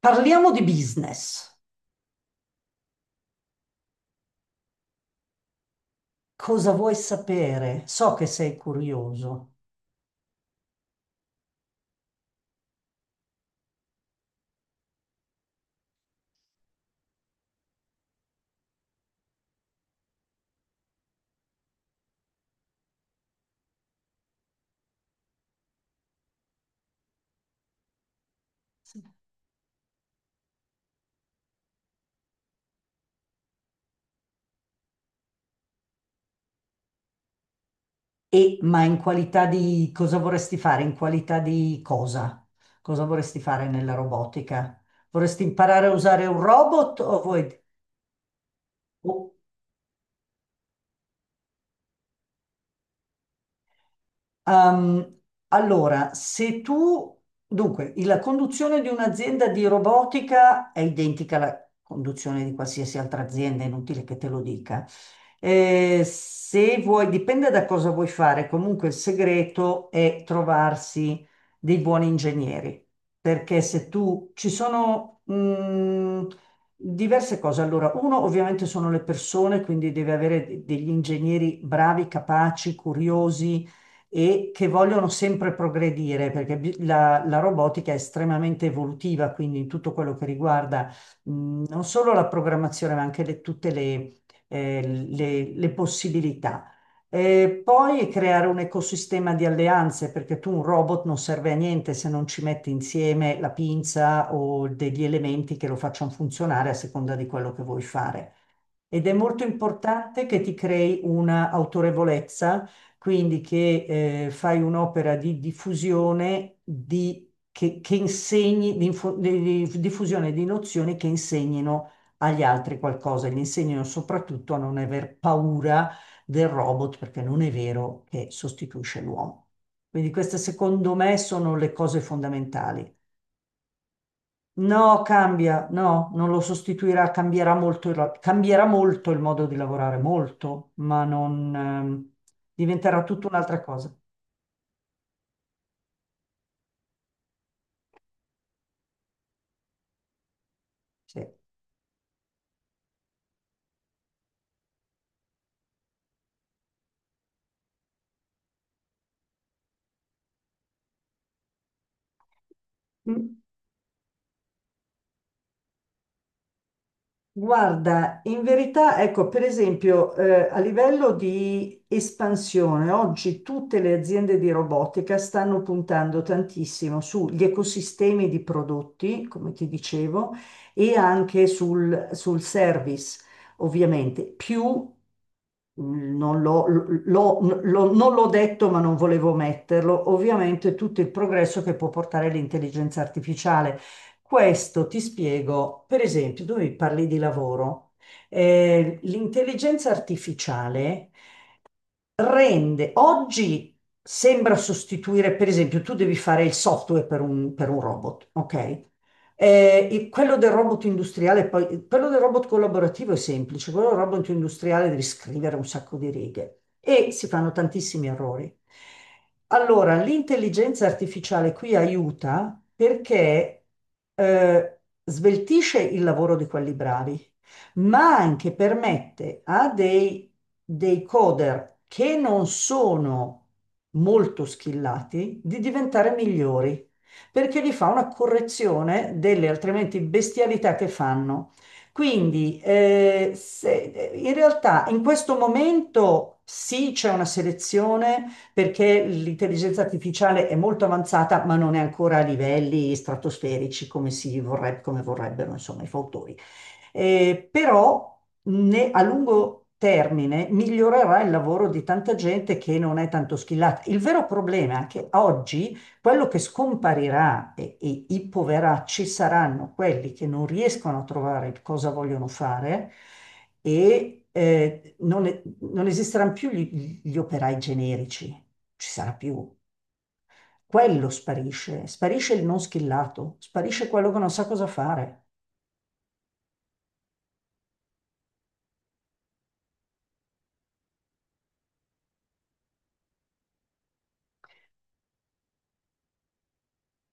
Parliamo di business. Cosa vuoi sapere? So che sei curioso. Sì. Ma in qualità di cosa vorresti fare? In qualità di cosa? Cosa vorresti fare nella robotica? Vorresti imparare a usare un robot o o- Ehm, allora, se tu, dunque, la conduzione di un'azienda di robotica è identica alla conduzione di qualsiasi altra azienda, è inutile che te lo dica. Se vuoi, dipende da cosa vuoi fare, comunque il segreto è trovarsi dei buoni ingegneri, perché se tu ci sono diverse cose. Allora, uno ovviamente sono le persone, quindi devi avere degli ingegneri bravi, capaci, curiosi e che vogliono sempre progredire, perché la robotica è estremamente evolutiva, quindi in tutto quello che riguarda non solo la programmazione, ma anche tutte eh, le possibilità. E poi creare un ecosistema di alleanze, perché tu un robot non serve a niente se non ci metti insieme la pinza o degli elementi che lo facciano funzionare a seconda di quello che vuoi fare. Ed è molto importante che ti crei una autorevolezza, quindi che fai un'opera di che insegni, di diffusione di nozioni che insegnino agli altri qualcosa, gli insegnino soprattutto a non aver paura del robot, perché non è vero che sostituisce l'uomo. Quindi queste secondo me sono le cose fondamentali. No, cambia, no, non lo sostituirà, cambierà molto cambierà molto il modo di lavorare, molto, ma non, diventerà tutta un'altra cosa. Sì. Mm. Guarda, in verità, ecco, per esempio, a livello di espansione, oggi tutte le aziende di robotica stanno puntando tantissimo sugli ecosistemi di prodotti, come ti dicevo, e anche sul service, ovviamente, più non l'ho detto, ma non volevo metterlo, ovviamente tutto il progresso che può portare l'intelligenza artificiale. Questo ti spiego, per esempio, tu mi parli di lavoro. L'intelligenza artificiale rende oggi sembra sostituire, per esempio, tu devi fare il software per un robot, ok? E quello del robot industriale, poi quello del robot collaborativo è semplice, quello del robot industriale devi scrivere un sacco di righe e si fanno tantissimi errori. Allora, l'intelligenza artificiale qui aiuta perché eh, sveltisce il lavoro di quelli bravi ma anche permette dei coder che non sono molto skillati di diventare migliori, perché gli fa una correzione delle altrimenti bestialità che fanno. Quindi, in realtà in questo momento sì, c'è una selezione perché l'intelligenza artificiale è molto avanzata, ma non è ancora a livelli stratosferici come si vorrebbe, come vorrebbero, insomma, i fautori. Però a lungo termine migliorerà il lavoro di tanta gente che non è tanto schillata. Il vero problema è che oggi quello che scomparirà e i poveracci saranno quelli che non riescono a trovare cosa vogliono fare e non esisteranno più gli operai generici, non ci sarà più. Quello sparisce, sparisce il non schillato, sparisce quello che non sa cosa fare.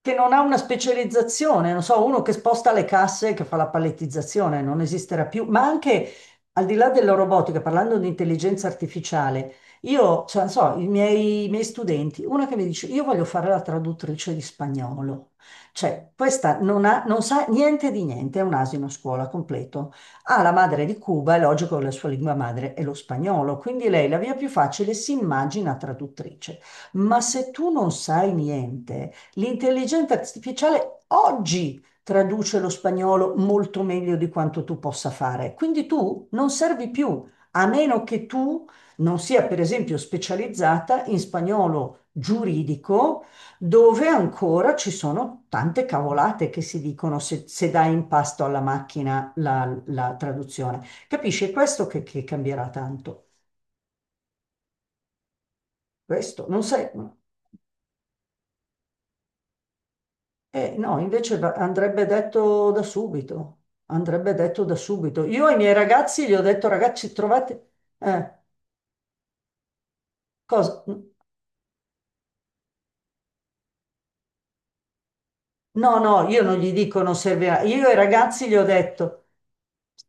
Che non ha una specializzazione, non so, uno che sposta le casse, che fa la palettizzazione, non esisterà più, ma anche al di là della robotica, parlando di intelligenza artificiale, cioè, non so, i miei studenti, una che mi dice, io voglio fare la traduttrice di spagnolo, cioè, questa non sa niente di niente, è un asino a scuola completo, ha la madre di Cuba, è logico che la sua lingua madre è lo spagnolo, quindi lei la via più facile si immagina traduttrice, ma se tu non sai niente... L'intelligenza artificiale oggi traduce lo spagnolo molto meglio di quanto tu possa fare, quindi tu non servi più, a meno che tu non sia, per esempio, specializzata in spagnolo giuridico, dove ancora ci sono tante cavolate che si dicono se dai in pasto alla macchina la traduzione. Capisci? È questo che cambierà tanto. Questo, non sai. Eh no, invece andrebbe detto da subito, andrebbe detto da subito. Io ai miei ragazzi gli ho detto, ragazzi, trovate... eh, cosa? No, no, io non gli dico non serve a... Io ai ragazzi gli ho detto,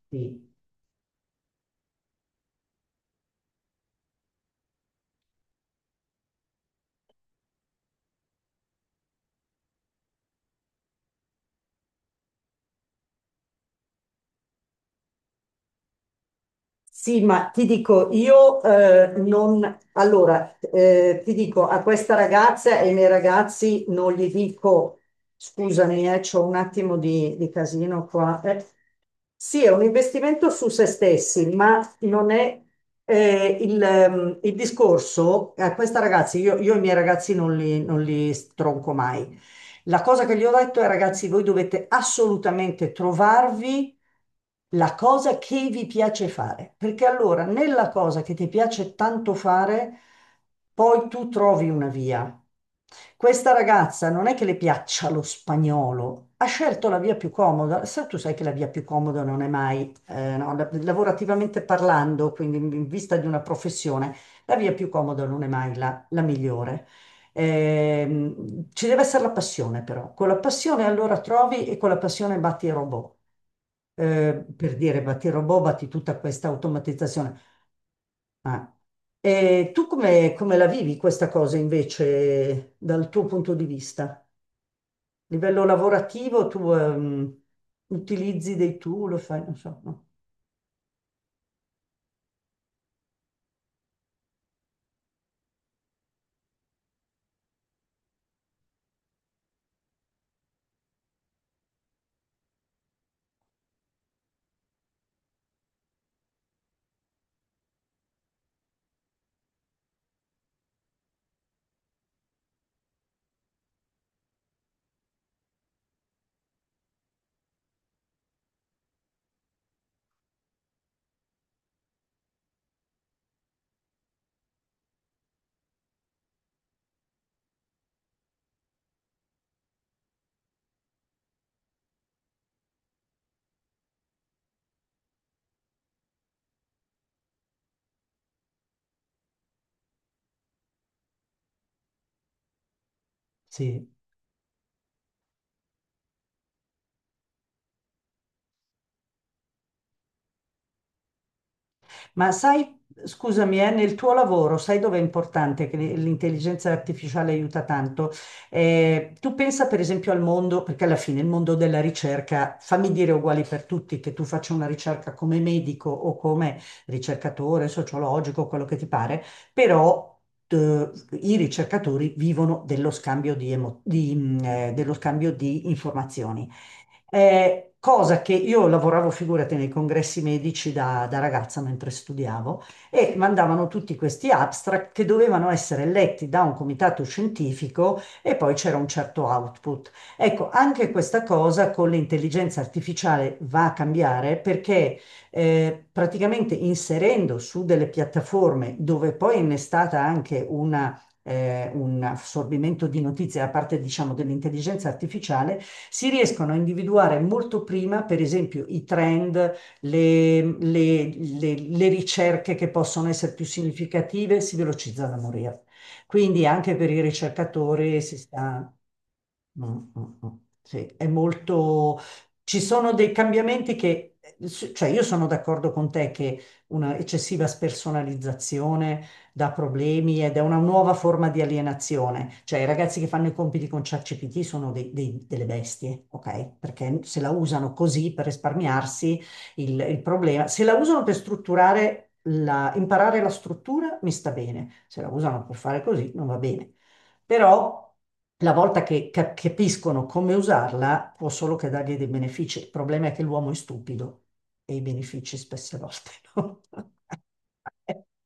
sì. Sì, ma ti dico, io non... Allora, ti dico, a questa ragazza e ai miei ragazzi non gli dico, scusami, c'ho un attimo di casino qua. Eh. Sì, è un investimento su se stessi, ma non è il discorso. A questa ragazza, io i miei ragazzi non li stronco mai. La cosa che gli ho detto è, ragazzi, voi dovete assolutamente trovarvi la cosa che vi piace fare, perché allora nella cosa che ti piace tanto fare, poi tu trovi una via. Questa ragazza non è che le piaccia lo spagnolo, ha scelto la via più comoda. Tu sai che la via più comoda non è mai, no, lavorativamente parlando, quindi in vista di una professione, la via più comoda non è mai la migliore. Ci deve essere la passione però, con la passione allora trovi e con la passione batti i robot. Per dire batti i robot, batti tutta questa automatizzazione. Ah. E tu come, come la vivi questa cosa invece dal tuo punto di vista? A livello lavorativo tu utilizzi dei tool, lo fai, non so, no? Sì. Ma sai, scusami, nel tuo lavoro, sai dove è importante che l'intelligenza artificiale aiuta tanto? Tu pensa per esempio al mondo, perché alla fine il mondo della ricerca, fammi dire uguali per tutti, che tu faccia una ricerca come medico o come ricercatore, sociologico, quello che ti pare, però... I ricercatori vivono dello scambio di, emo- di, mm, dello scambio di informazioni. Cosa che io lavoravo, figurati, nei congressi medici da ragazza mentre studiavo e mandavano tutti questi abstract che dovevano essere letti da un comitato scientifico e poi c'era un certo output. Ecco, anche questa cosa con l'intelligenza artificiale va a cambiare perché praticamente inserendo su delle piattaforme dove poi è innestata anche una un assorbimento di notizie da parte, diciamo, dell'intelligenza artificiale, si riescono a individuare molto prima, per esempio, i trend, le ricerche che possono essere più significative, si velocizza da morire. Quindi anche per i ricercatori si sta... Mm, mm, mm. Sì, è molto... Ci sono dei cambiamenti che... Cioè, io sono d'accordo con te che una eccessiva spersonalizzazione dà problemi ed è una nuova forma di alienazione. Cioè, i ragazzi che fanno i compiti con ChatGPT sono delle bestie, ok? Perché se la usano così per risparmiarsi il problema... Se la usano per strutturare... Imparare la struttura mi sta bene, se la usano per fare così non va bene però la volta che capiscono come usarla può solo che dargli dei benefici. Il problema è che l'uomo è stupido e i benefici spesse volte no.